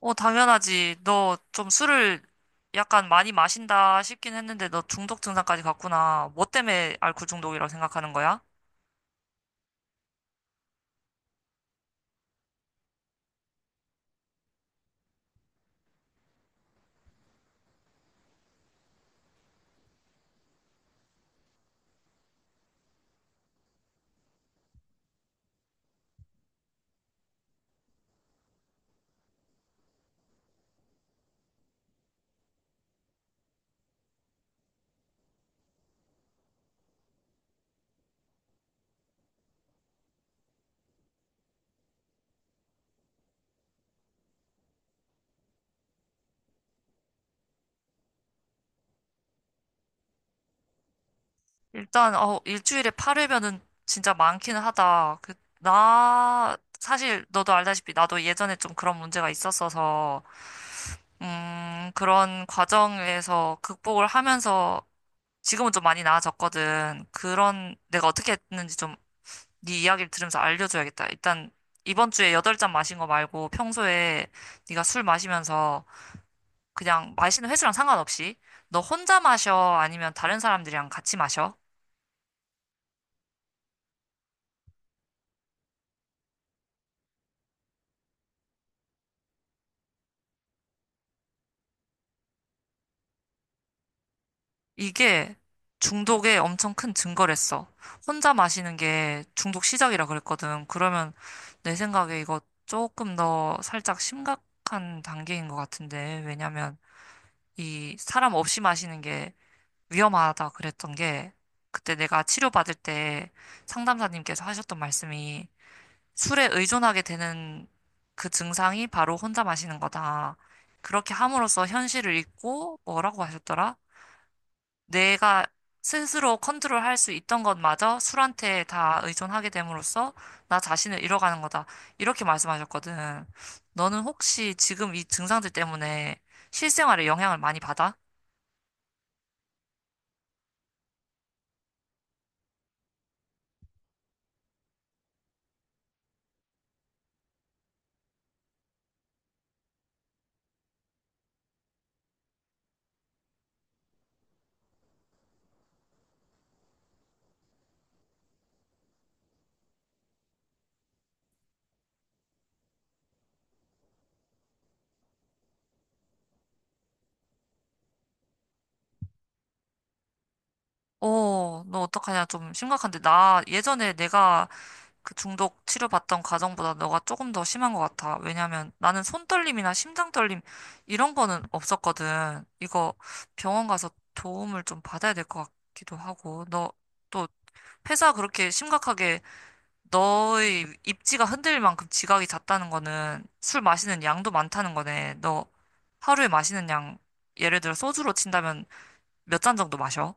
어, 당연하지. 너 좀 술을 약간 많이 마신다 싶긴 했는데 너 중독 증상까지 갔구나. 뭐 때문에 알코올 중독이라고 생각하는 거야? 일단, 일주일에 8회면은 진짜 많기는 하다. 그, 나, 사실 너도 알다시피 나도 예전에 좀 그런 문제가 있었어서, 그런 과정에서 극복을 하면서 지금은 좀 많이 나아졌거든. 그런, 내가 어떻게 했는지 좀 네 이야기를 들으면서 알려줘야겠다. 일단 이번 주에 8잔 마신 거 말고 평소에 네가 술 마시면서 그냥 마시는 횟수랑 상관없이 너 혼자 마셔 아니면 다른 사람들이랑 같이 마셔? 이게 중독의 엄청 큰 증거랬어. 혼자 마시는 게 중독 시작이라 그랬거든. 그러면 내 생각에 이거 조금 더 살짝 심각한 단계인 것 같은데. 왜냐면 이 사람 없이 마시는 게 위험하다 그랬던 게 그때 내가 치료받을 때 상담사님께서 하셨던 말씀이 술에 의존하게 되는 그 증상이 바로 혼자 마시는 거다. 그렇게 함으로써 현실을 잊고 뭐라고 하셨더라? 내가 스스로 컨트롤할 수 있던 것마저 술한테 다 의존하게 됨으로써 나 자신을 잃어가는 거다. 이렇게 말씀하셨거든. 너는 혹시 지금 이 증상들 때문에 실생활에 영향을 많이 받아? 어, 너 어떡하냐. 좀 심각한데. 나 예전에 내가 그 중독 치료받던 과정보다 너가 조금 더 심한 것 같아. 왜냐면 나는 손떨림이나 심장떨림 이런 거는 없었거든. 이거 병원 가서 도움을 좀 받아야 될 것 같기도 하고. 너 또 회사 그렇게 심각하게 너의 입지가 흔들릴 만큼 지각이 잦다는 거는 술 마시는 양도 많다는 거네. 너 하루에 마시는 양 예를 들어 소주로 친다면 몇 잔 정도 마셔?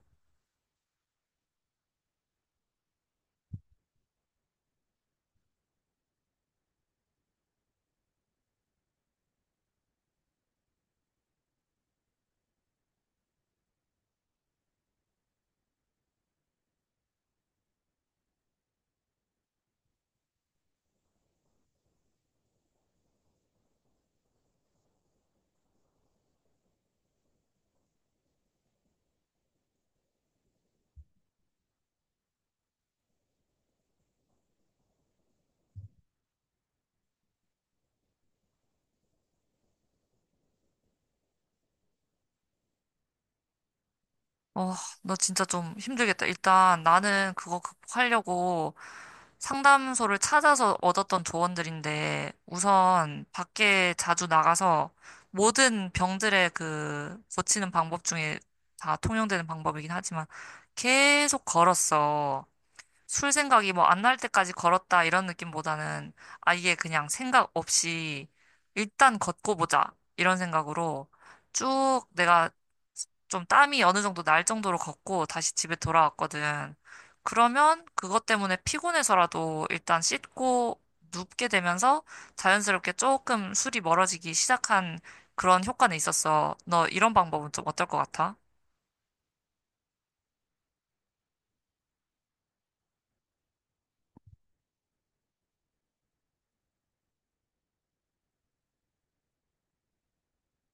어, 너 진짜 좀 힘들겠다. 일단 나는 그거 극복하려고 상담소를 찾아서 얻었던 조언들인데 우선 밖에 자주 나가서 모든 병들의 그 고치는 방법 중에 다 통용되는 방법이긴 하지만 계속 걸었어. 술 생각이 뭐 안 날 때까지 걸었다 이런 느낌보다는 아예 그냥 생각 없이 일단 걷고 보자 이런 생각으로 쭉 내가 좀 땀이 어느 정도 날 정도로 걷고 다시 집에 돌아왔거든. 그러면 그것 때문에 피곤해서라도 일단 씻고 눕게 되면서 자연스럽게 조금 술이 멀어지기 시작한 그런 효과는 있었어. 너 이런 방법은 좀 어떨 것 같아?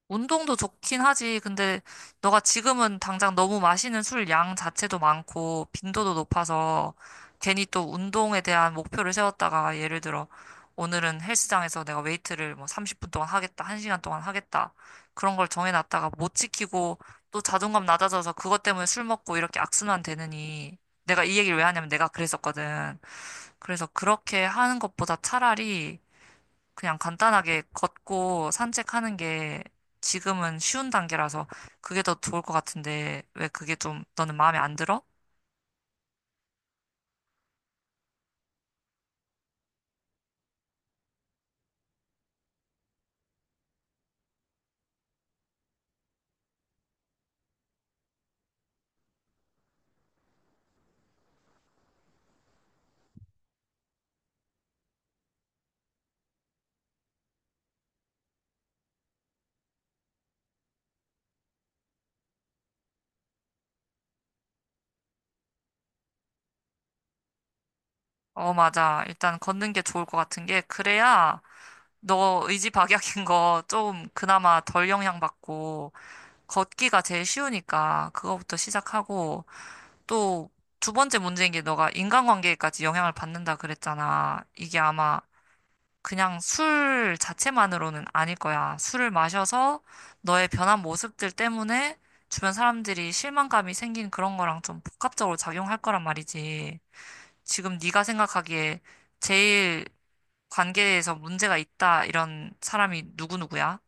운동도 좋긴 하지. 근데 너가 지금은 당장 너무 마시는 술 양 자체도 많고 빈도도 높아서 괜히 또 운동에 대한 목표를 세웠다가 예를 들어 오늘은 헬스장에서 내가 웨이트를 뭐 30분 동안 하겠다, 1시간 동안 하겠다. 그런 걸 정해놨다가 못 지키고 또 자존감 낮아져서 그것 때문에 술 먹고 이렇게 악순환 되느니 내가 이 얘기를 왜 하냐면 내가 그랬었거든. 그래서 그렇게 하는 것보다 차라리 그냥 간단하게 걷고 산책하는 게 지금은 쉬운 단계라서 그게 더 좋을 것 같은데 왜 그게 좀 너는 마음에 안 들어? 어, 맞아. 일단 걷는 게 좋을 것 같은 게 그래야 너 의지박약인 거 좀 그나마 덜 영향받고 걷기가 제일 쉬우니까 그거부터 시작하고 또 두 번째 문제인 게 너가 인간관계까지 영향을 받는다 그랬잖아. 이게 아마 그냥 술 자체만으로는 아닐 거야. 술을 마셔서 너의 변한 모습들 때문에 주변 사람들이 실망감이 생긴 그런 거랑 좀 복합적으로 작용할 거란 말이지. 지금 네가 생각하기에 제일 관계에서 문제가 있다 이런 사람이 누구누구야?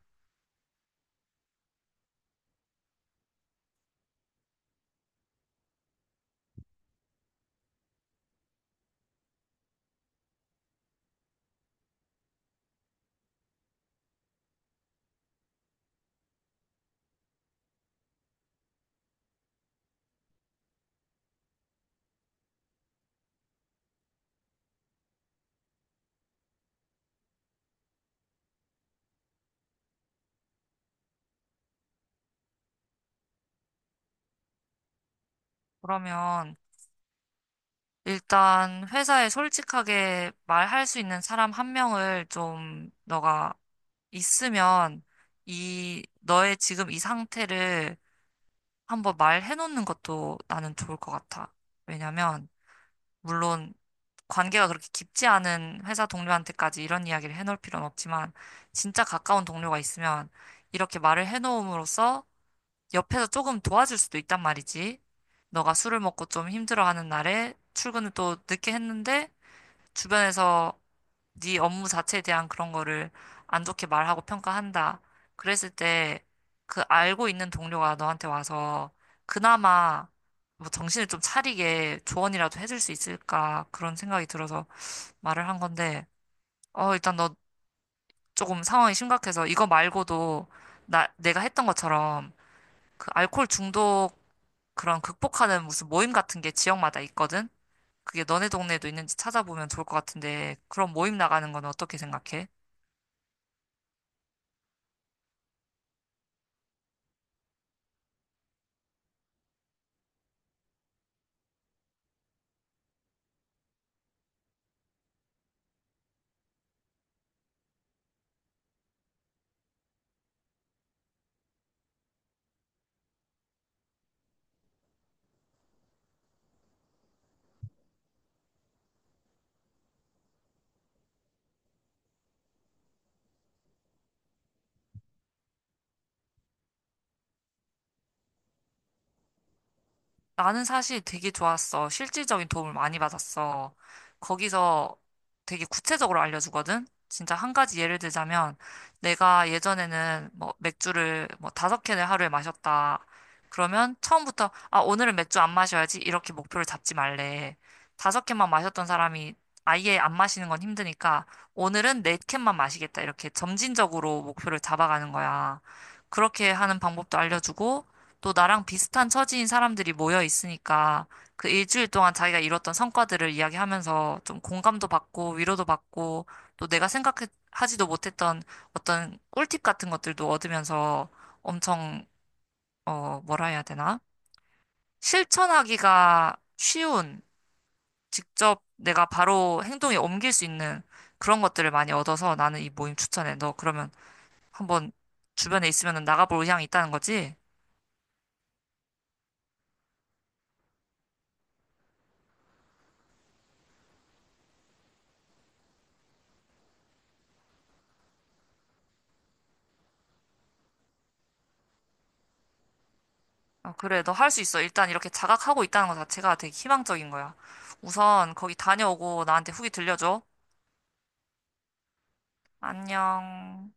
그러면 일단 회사에 솔직하게 말할 수 있는 사람 한 명을 좀 너가 있으면 이 너의 지금 이 상태를 한번 말해놓는 것도 나는 좋을 것 같아. 왜냐면, 물론 관계가 그렇게 깊지 않은 회사 동료한테까지 이런 이야기를 해놓을 필요는 없지만, 진짜 가까운 동료가 있으면 이렇게 말을 해놓음으로써 옆에서 조금 도와줄 수도 있단 말이지. 너가 술을 먹고 좀 힘들어하는 날에 출근을 또 늦게 했는데, 주변에서 네 업무 자체에 대한 그런 거를 안 좋게 말하고 평가한다. 그랬을 때 그 알고 있는 동료가 너한테 와서 그나마 뭐 정신을 좀 차리게 조언이라도 해줄 수 있을까 그런 생각이 들어서 말을 한 건데 일단 너 조금 상황이 심각해서 이거 말고도 나 내가 했던 것처럼 그 알코올 중독 그런 극복하는 무슨 모임 같은 게 지역마다 있거든. 그게 너네 동네에도 있는지 찾아보면 좋을 것 같은데 그런 모임 나가는 건 어떻게 생각해? 나는 사실 되게 좋았어. 실질적인 도움을 많이 받았어. 거기서 되게 구체적으로 알려주거든? 진짜 한 가지 예를 들자면, 내가 예전에는 뭐 맥주를 뭐 다섯 캔을 하루에 마셨다. 그러면 처음부터, 아, 오늘은 맥주 안 마셔야지. 이렇게 목표를 잡지 말래. 다섯 캔만 마셨던 사람이 아예 안 마시는 건 힘드니까, 오늘은 네 캔만 마시겠다. 이렇게 점진적으로 목표를 잡아가는 거야. 그렇게 하는 방법도 알려주고, 또 나랑 비슷한 처지인 사람들이 모여 있으니까 그 일주일 동안 자기가 이뤘던 성과들을 이야기하면서 좀 공감도 받고 위로도 받고 또 내가 생각하지도 못했던 어떤 꿀팁 같은 것들도 얻으면서 엄청, 뭐라 해야 되나? 실천하기가 쉬운, 직접 내가 바로 행동에 옮길 수 있는 그런 것들을 많이 얻어서 나는 이 모임 추천해. 너 그러면 한번 주변에 있으면 나가볼 의향이 있다는 거지? 어, 그래, 너 할 수 있어. 일단 이렇게 자각하고 있다는 것 자체가 되게 희망적인 거야. 우선 거기 다녀오고 나한테 후기 들려줘. 안녕.